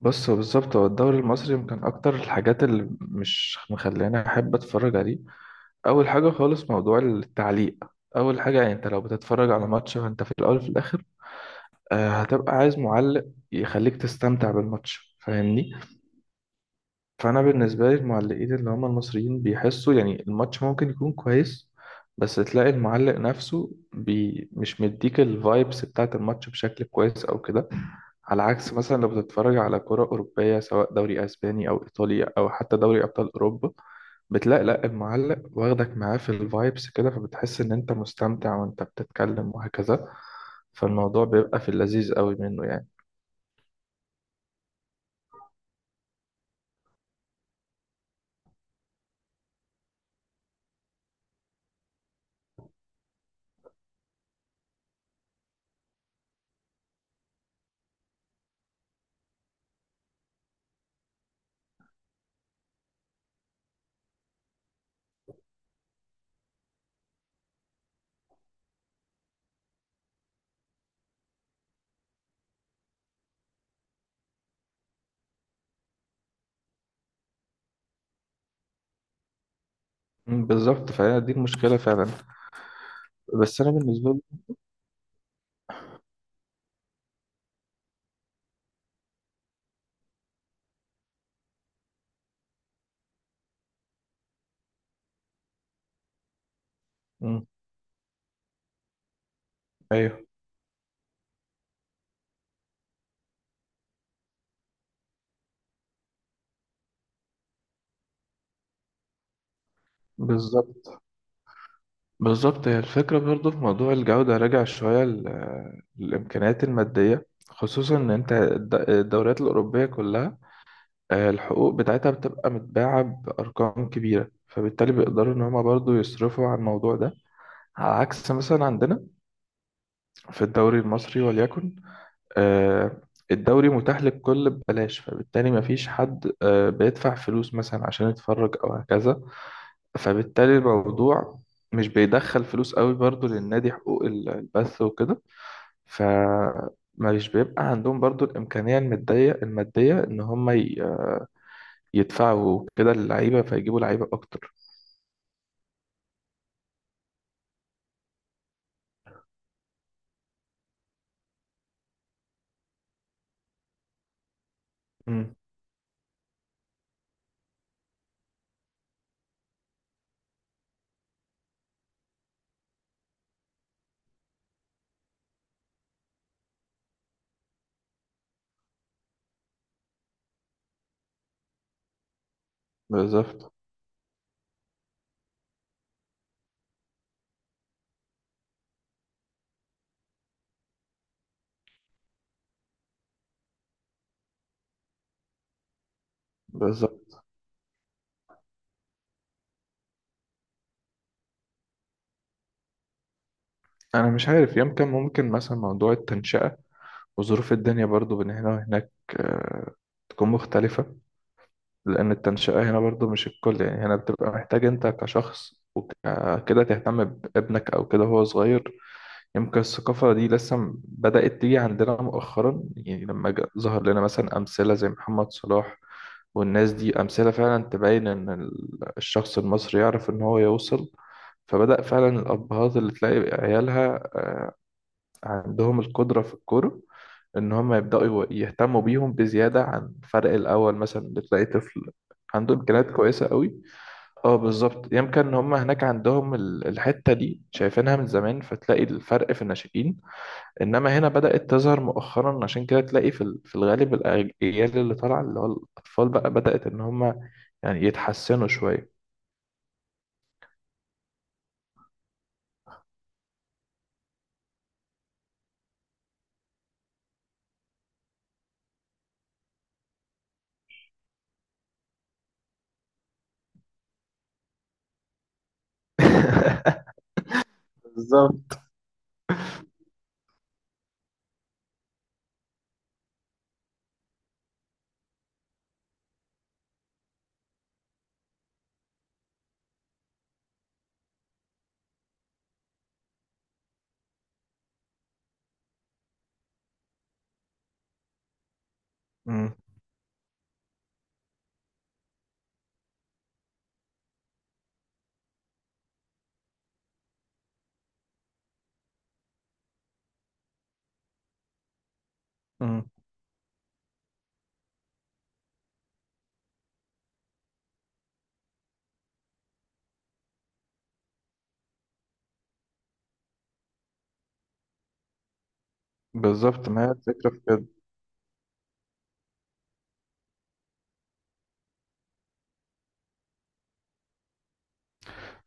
بص، هو بالظبط، هو الدوري المصري يمكن أكتر الحاجات اللي مش مخلاني أحب أتفرج عليه. أول حاجة خالص، موضوع التعليق. أول حاجة يعني، أنت لو بتتفرج على ماتش، فأنت في الأول وفي الآخر هتبقى عايز معلق يخليك تستمتع بالماتش، فاهمني؟ فانا بالنسبه لي المعلقين اللي هم المصريين بيحسوا يعني الماتش ممكن يكون كويس، بس تلاقي المعلق نفسه بي مش مديك الفايبس بتاعت الماتش بشكل كويس او كده. على عكس مثلا لو بتتفرج على كرة أوروبية سواء دوري أسباني أو إيطالي أو حتى دوري أبطال أوروبا، بتلاقي لأ، المعلق واخدك معاه في الفايبس كده، فبتحس إن أنت مستمتع وأنت بتتكلم وهكذا. فالموضوع بيبقى في اللذيذ قوي منه يعني. مم، بالظبط، فهي دي المشكلة فعلا. بس أنا بالنسبة لي، مم، أيوه. بالظبط بالظبط هي الفكرة برضو في موضوع الجودة، راجع شوية للإمكانيات المادية، خصوصا إن أنت الدوريات الأوروبية كلها الحقوق بتاعتها بتبقى متباعة بأرقام كبيرة، فبالتالي بيقدروا إن هما برضو يصرفوا على الموضوع ده. على عكس مثلا عندنا في الدوري المصري وليكن، آه، الدوري متاح للكل ببلاش، فبالتالي مفيش حد بيدفع فلوس مثلا عشان يتفرج أو هكذا. فبالتالي الموضوع مش بيدخل فلوس قوي برضو للنادي، حقوق البث وكده. ف مش بيبقى عندهم برضو الإمكانية المادية إن هم يدفعوا كده اللعيبة فيجيبوا لعيبة أكتر. مم. بالظبط. بالظبط أنا مش عارف، يمكن ممكن مثلا موضوع التنشئة وظروف الدنيا برضو بين هنا وهناك آه، تكون مختلفة. لأن التنشئة هنا برضو مش الكل، يعني هنا بتبقى محتاج أنت كشخص وكده تهتم بابنك أو كده وهو صغير. يمكن الثقافة دي لسه بدأت تيجي عندنا مؤخرا، يعني لما ظهر لنا مثلا أمثلة زي محمد صلاح. والناس دي أمثلة فعلا تبين إن الشخص المصري يعرف إن هو يوصل. فبدأ فعلا الأبهات اللي تلاقي عيالها عندهم القدرة في الكورة، إن هم يبدأوا يهتموا بيهم بزيادة عن الفرق الأول، مثلا اللي تلاقي طفل عنده إمكانيات كويسة قوي. اه بالظبط، يمكن إن هم هناك عندهم الحتة دي شايفينها من زمان، فتلاقي الفرق في الناشئين. انما هنا بدأت تظهر مؤخرا، عشان كده تلاقي في في الغالب الاجيال اللي طالعه اللي هو الاطفال بقى بدأت ان هم يعني يتحسنوا شويه. بالظبط. مم. مم. بالظبط، ما هي الفكرة في كده.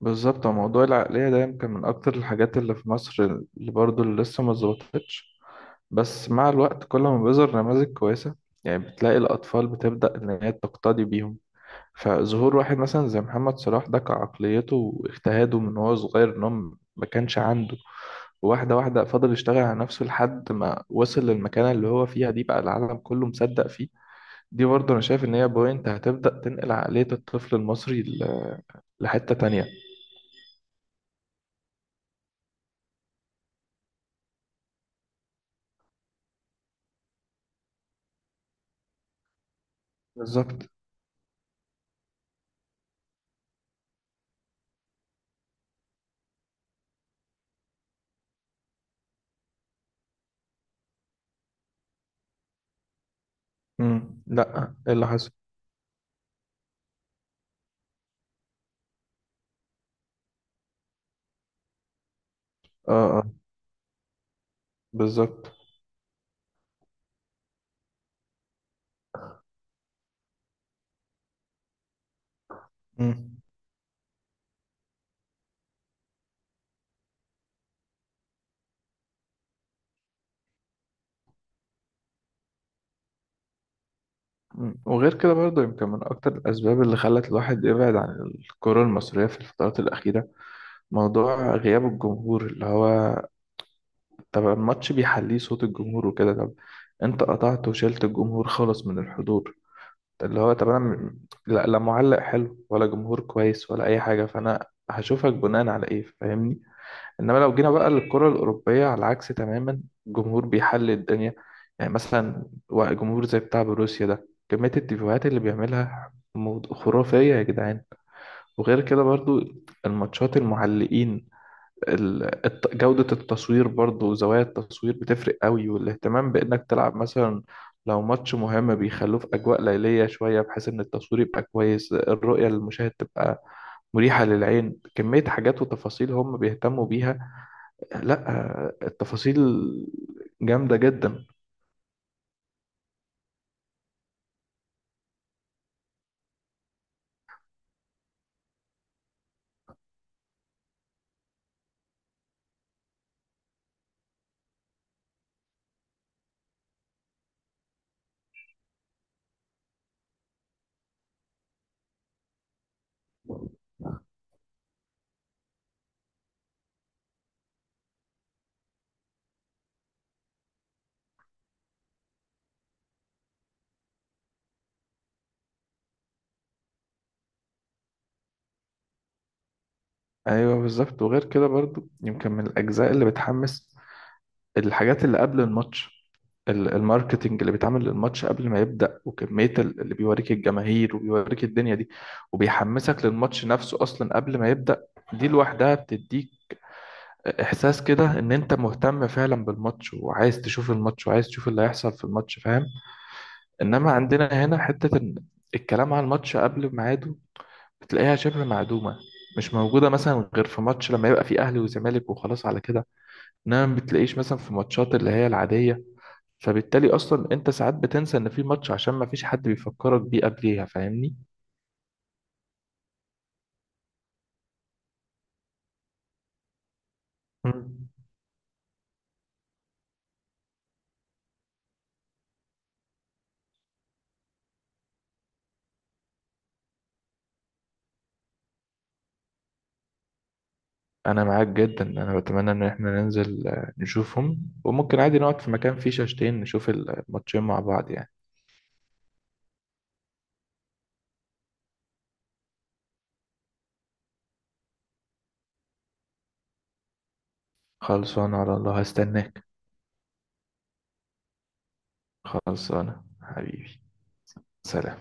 بالظبط هو موضوع العقلية ده يمكن من أكتر الحاجات اللي في مصر اللي برضو اللي لسه ما اتظبطتش. بس مع الوقت كل ما بيظهر نماذج كويسة، يعني بتلاقي الأطفال بتبدأ إن هي تقتدي بيهم. فظهور واحد مثلا زي محمد صلاح ده، كعقليته واجتهاده من وهو صغير، ان هو ما كانش عنده واحدة واحدة، فضل يشتغل على نفسه لحد ما وصل للمكانة اللي هو فيها دي، بقى العالم كله مصدق فيه. دي برضه أنا شايف إن هي بوينت هتبدأ تنقل عقلية الطفل المصري لحتة تانية. بالظبط. مم. لأ، إيه اللي حصل؟ آه آه. بالظبط. مم. مم، وغير كده برضه يمكن من أكتر الأسباب اللي خلت الواحد يبعد عن الكرة المصرية في الفترات الأخيرة، موضوع غياب الجمهور. اللي هو طب الماتش بيحليه صوت الجمهور وكده، طب انت قطعت وشلت الجمهور خالص من الحضور. اللي هو طب انا لا, لا معلق حلو ولا جمهور كويس ولا اي حاجة، فانا هشوفك بناء على ايه، فاهمني؟ انما لو جينا بقى للكرة الأوروبية على العكس تماما، الجمهور بيحل الدنيا. يعني مثلا جمهور زي بتاع بروسيا ده، كمية التيفوهات اللي بيعملها خرافية يا جدعان. وغير كده برضو الماتشات، المعلقين، جودة التصوير برضو، زوايا التصوير بتفرق قوي، والاهتمام بإنك تلعب مثلا لو ماتش مهم بيخلوه في أجواء ليلية شوية، بحيث إن التصوير يبقى كويس، الرؤية للمشاهد تبقى مريحة للعين. كمية حاجات وتفاصيل هم بيهتموا بيها. لا، التفاصيل جامدة جدا. أيوة بالظبط. وغير كده برضو يمكن من الأجزاء اللي بتحمس، الحاجات اللي قبل الماتش، الماركتينج اللي بيتعمل للماتش قبل ما يبدأ، وكمية اللي بيوريك الجماهير وبيوريك الدنيا دي، وبيحمسك للماتش نفسه أصلا قبل ما يبدأ. دي لوحدها بتديك إحساس كده إن أنت مهتم فعلا بالماتش، وعايز تشوف الماتش، وعايز تشوف اللي هيحصل في الماتش، فاهم. إنما عندنا هنا حتة إن الكلام على الماتش قبل ميعاده بتلاقيها شبه معدومة، مش موجودة مثلا غير في ماتش لما يبقى فيه أهلي وزمالك وخلاص على كده. إنما ما بتلاقيش مثلا في ماتشات اللي هي العادية. فبالتالي اصلا انت ساعات بتنسى ان في ماتش عشان ما فيش حد بيفكرك بيه قبليها، فاهمني؟ مم. انا معاك جدا، انا بتمنى ان احنا ننزل نشوفهم، وممكن عادي نقعد في مكان فيه شاشتين نشوف الماتشين مع بعض يعني. خلصانه على الله، هستناك. خلصانه حبيبي. سلام.